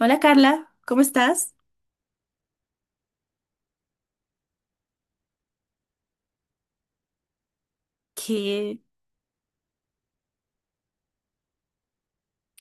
Hola Carla, ¿cómo estás? ¿Qué,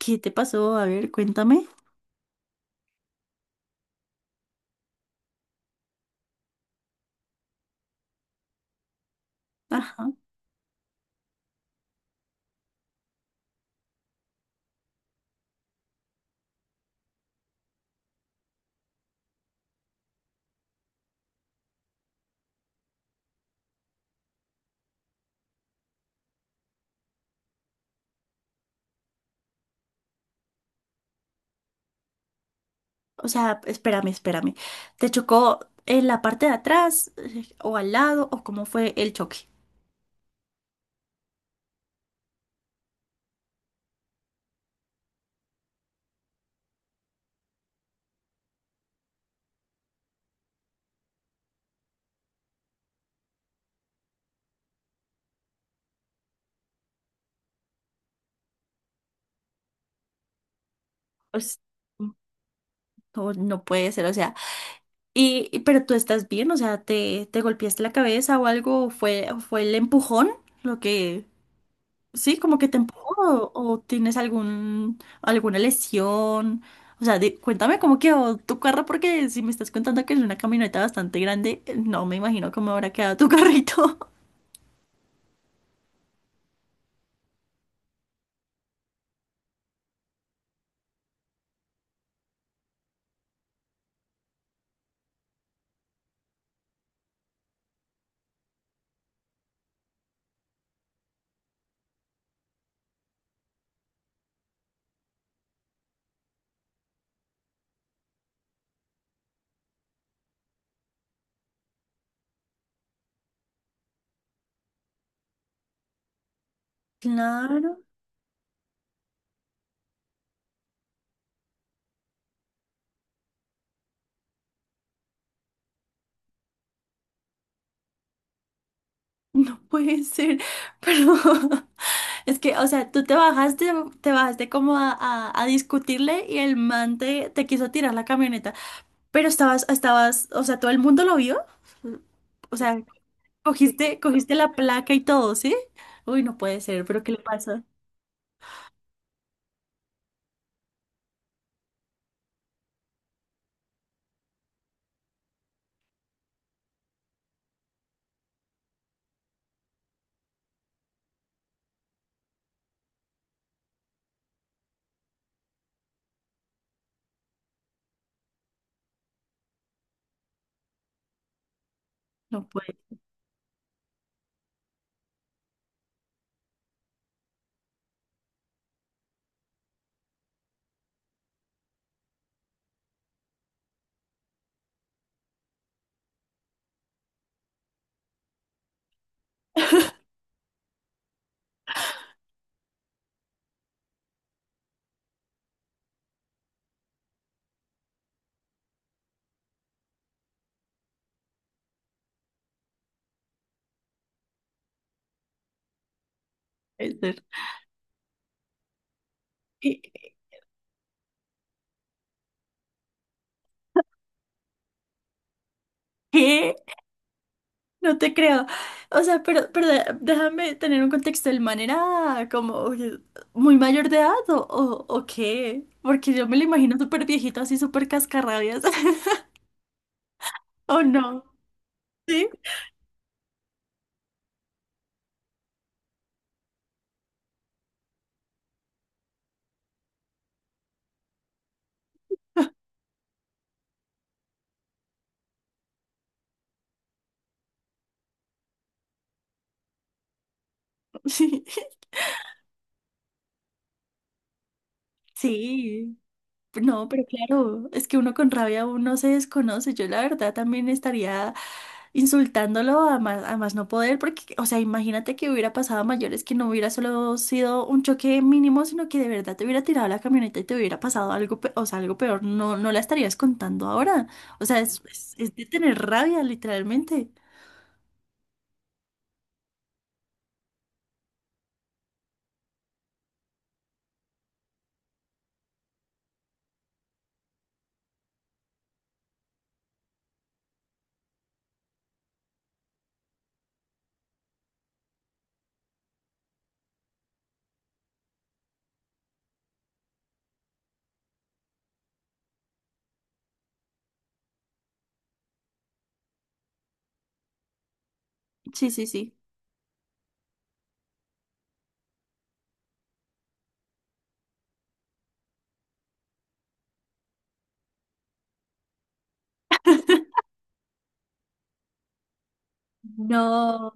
qué te pasó? A ver, cuéntame. Ajá. O sea, espérame, espérame. ¿Te chocó en la parte de atrás o al lado o cómo fue el choque? O no, no puede ser, o sea. Pero tú estás bien, o sea, ¿te, te golpeaste la cabeza o algo? ¿Fue, fue el empujón lo que sí, como que te empujó o tienes algún, alguna lesión? O sea, cuéntame cómo quedó tu carro, porque si me estás contando que es una camioneta bastante grande, no me imagino cómo habrá quedado tu carrito. Claro, no puede ser. Pero es que, o sea, tú te bajaste como a discutirle y el man te, te quiso tirar la camioneta. Pero estabas, estabas, o sea, todo el mundo lo vio. O sea, cogiste, cogiste la placa y todo, ¿sí? Uy, no puede ser, pero ¿qué le pasa? No puede ser. ¿Qué? ¿Qué? No te creo. O sea, pero déjame tener un contexto. ¿El man era como oye, muy mayor de edad o qué? Porque yo me lo imagino súper viejito, así súper cascarrabias. ¿O no? ¿Sí? Sí. Sí. No, pero claro, es que uno con rabia uno se desconoce. Yo la verdad también estaría insultándolo a más no poder, porque, o sea, imagínate que hubiera pasado a mayores, que no hubiera solo sido un choque mínimo, sino que de verdad te hubiera tirado la camioneta y te hubiera pasado algo, o sea, algo peor. No, no la estarías contando ahora. O sea, es de tener rabia, literalmente. Sí, sí, sí. No,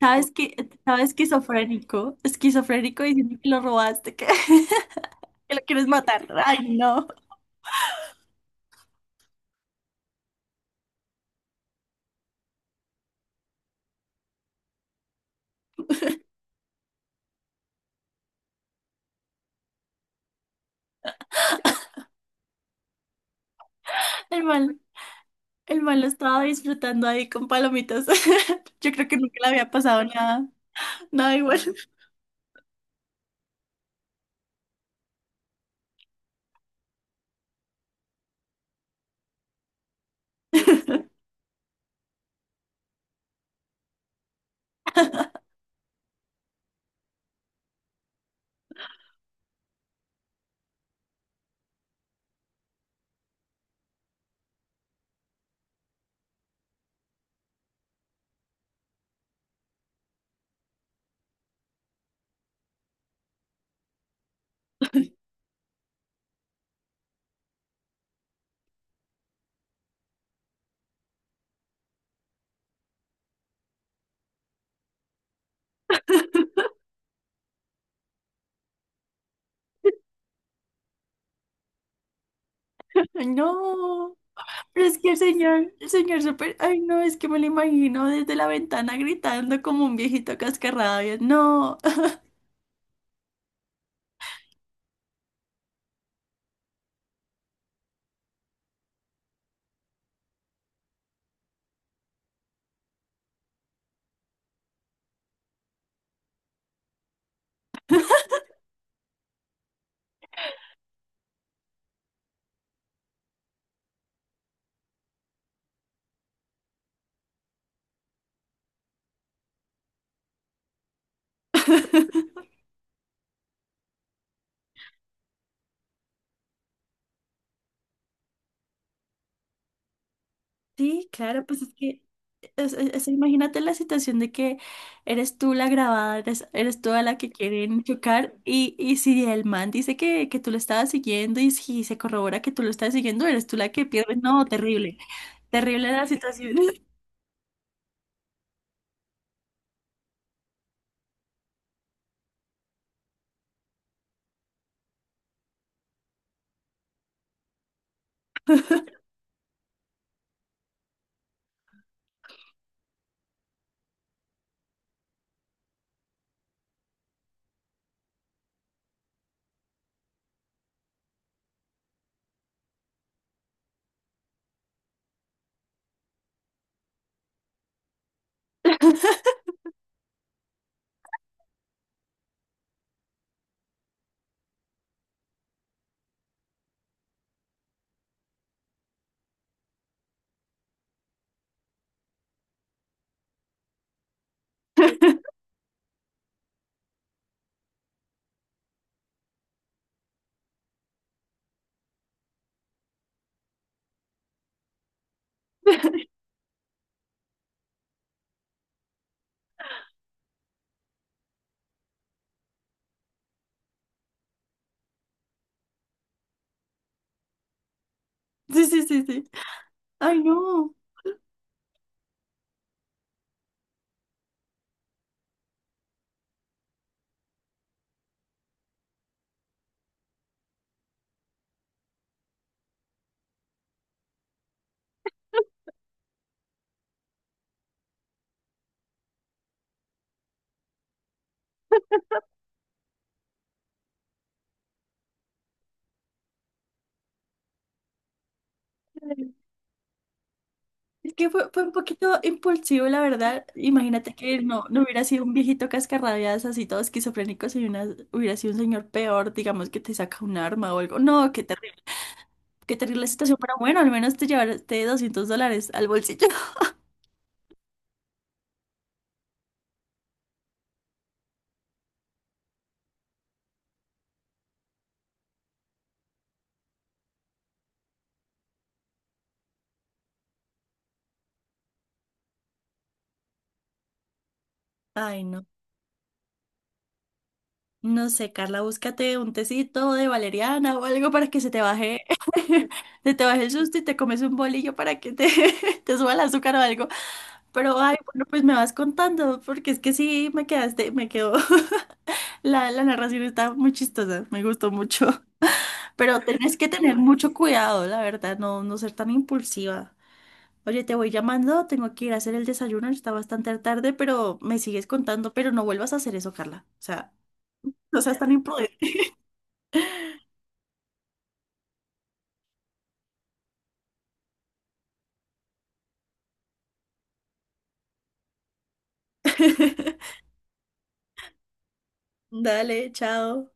sabes que, sabes esquizofrénico, esquizofrénico diciendo que lo robaste, que que lo quieres matar. Ay, no. El mal, el mal lo estaba disfrutando ahí con palomitas. Yo creo que nunca le había pasado nada, nada igual. Ay, no, pero es que el señor súper, ay, no, es que me lo imagino desde la ventana gritando como un viejito cascarrabia. No. Sí, claro, pues es que, imagínate la situación de que eres tú la grabada, eres, eres tú a la que quieren chocar y si el man dice que tú lo estabas siguiendo y si se corrobora que tú lo estabas siguiendo, eres tú la que pierde. No, terrible, terrible la situación. Sí, sí, sí, sí. Ay, no. Es que fue, fue un poquito impulsivo, la verdad. Imagínate que no, no hubiera sido un viejito cascarrabias así todo esquizofrénico, hubiera sido un señor peor, digamos, que te saca un arma o algo. No, qué terrible. Qué terrible la situación, pero bueno, al menos te llevaste $200 al bolsillo. Ay, no. No sé, Carla, búscate un tecito de valeriana o algo para que se te baje, se te baje el susto, y te comes un bolillo para que te, te suba el azúcar o algo. Pero, ay, bueno, pues me vas contando, porque es que sí, me quedaste, me quedó. La narración está muy chistosa, me gustó mucho. Pero tenés que tener mucho cuidado, la verdad, no, no ser tan impulsiva. Oye, te voy llamando, tengo que ir a hacer el desayuno, está bastante tarde, pero me sigues contando, pero no vuelvas a hacer eso, Carla. O sea, no seas tan imprudente. Dale, chao.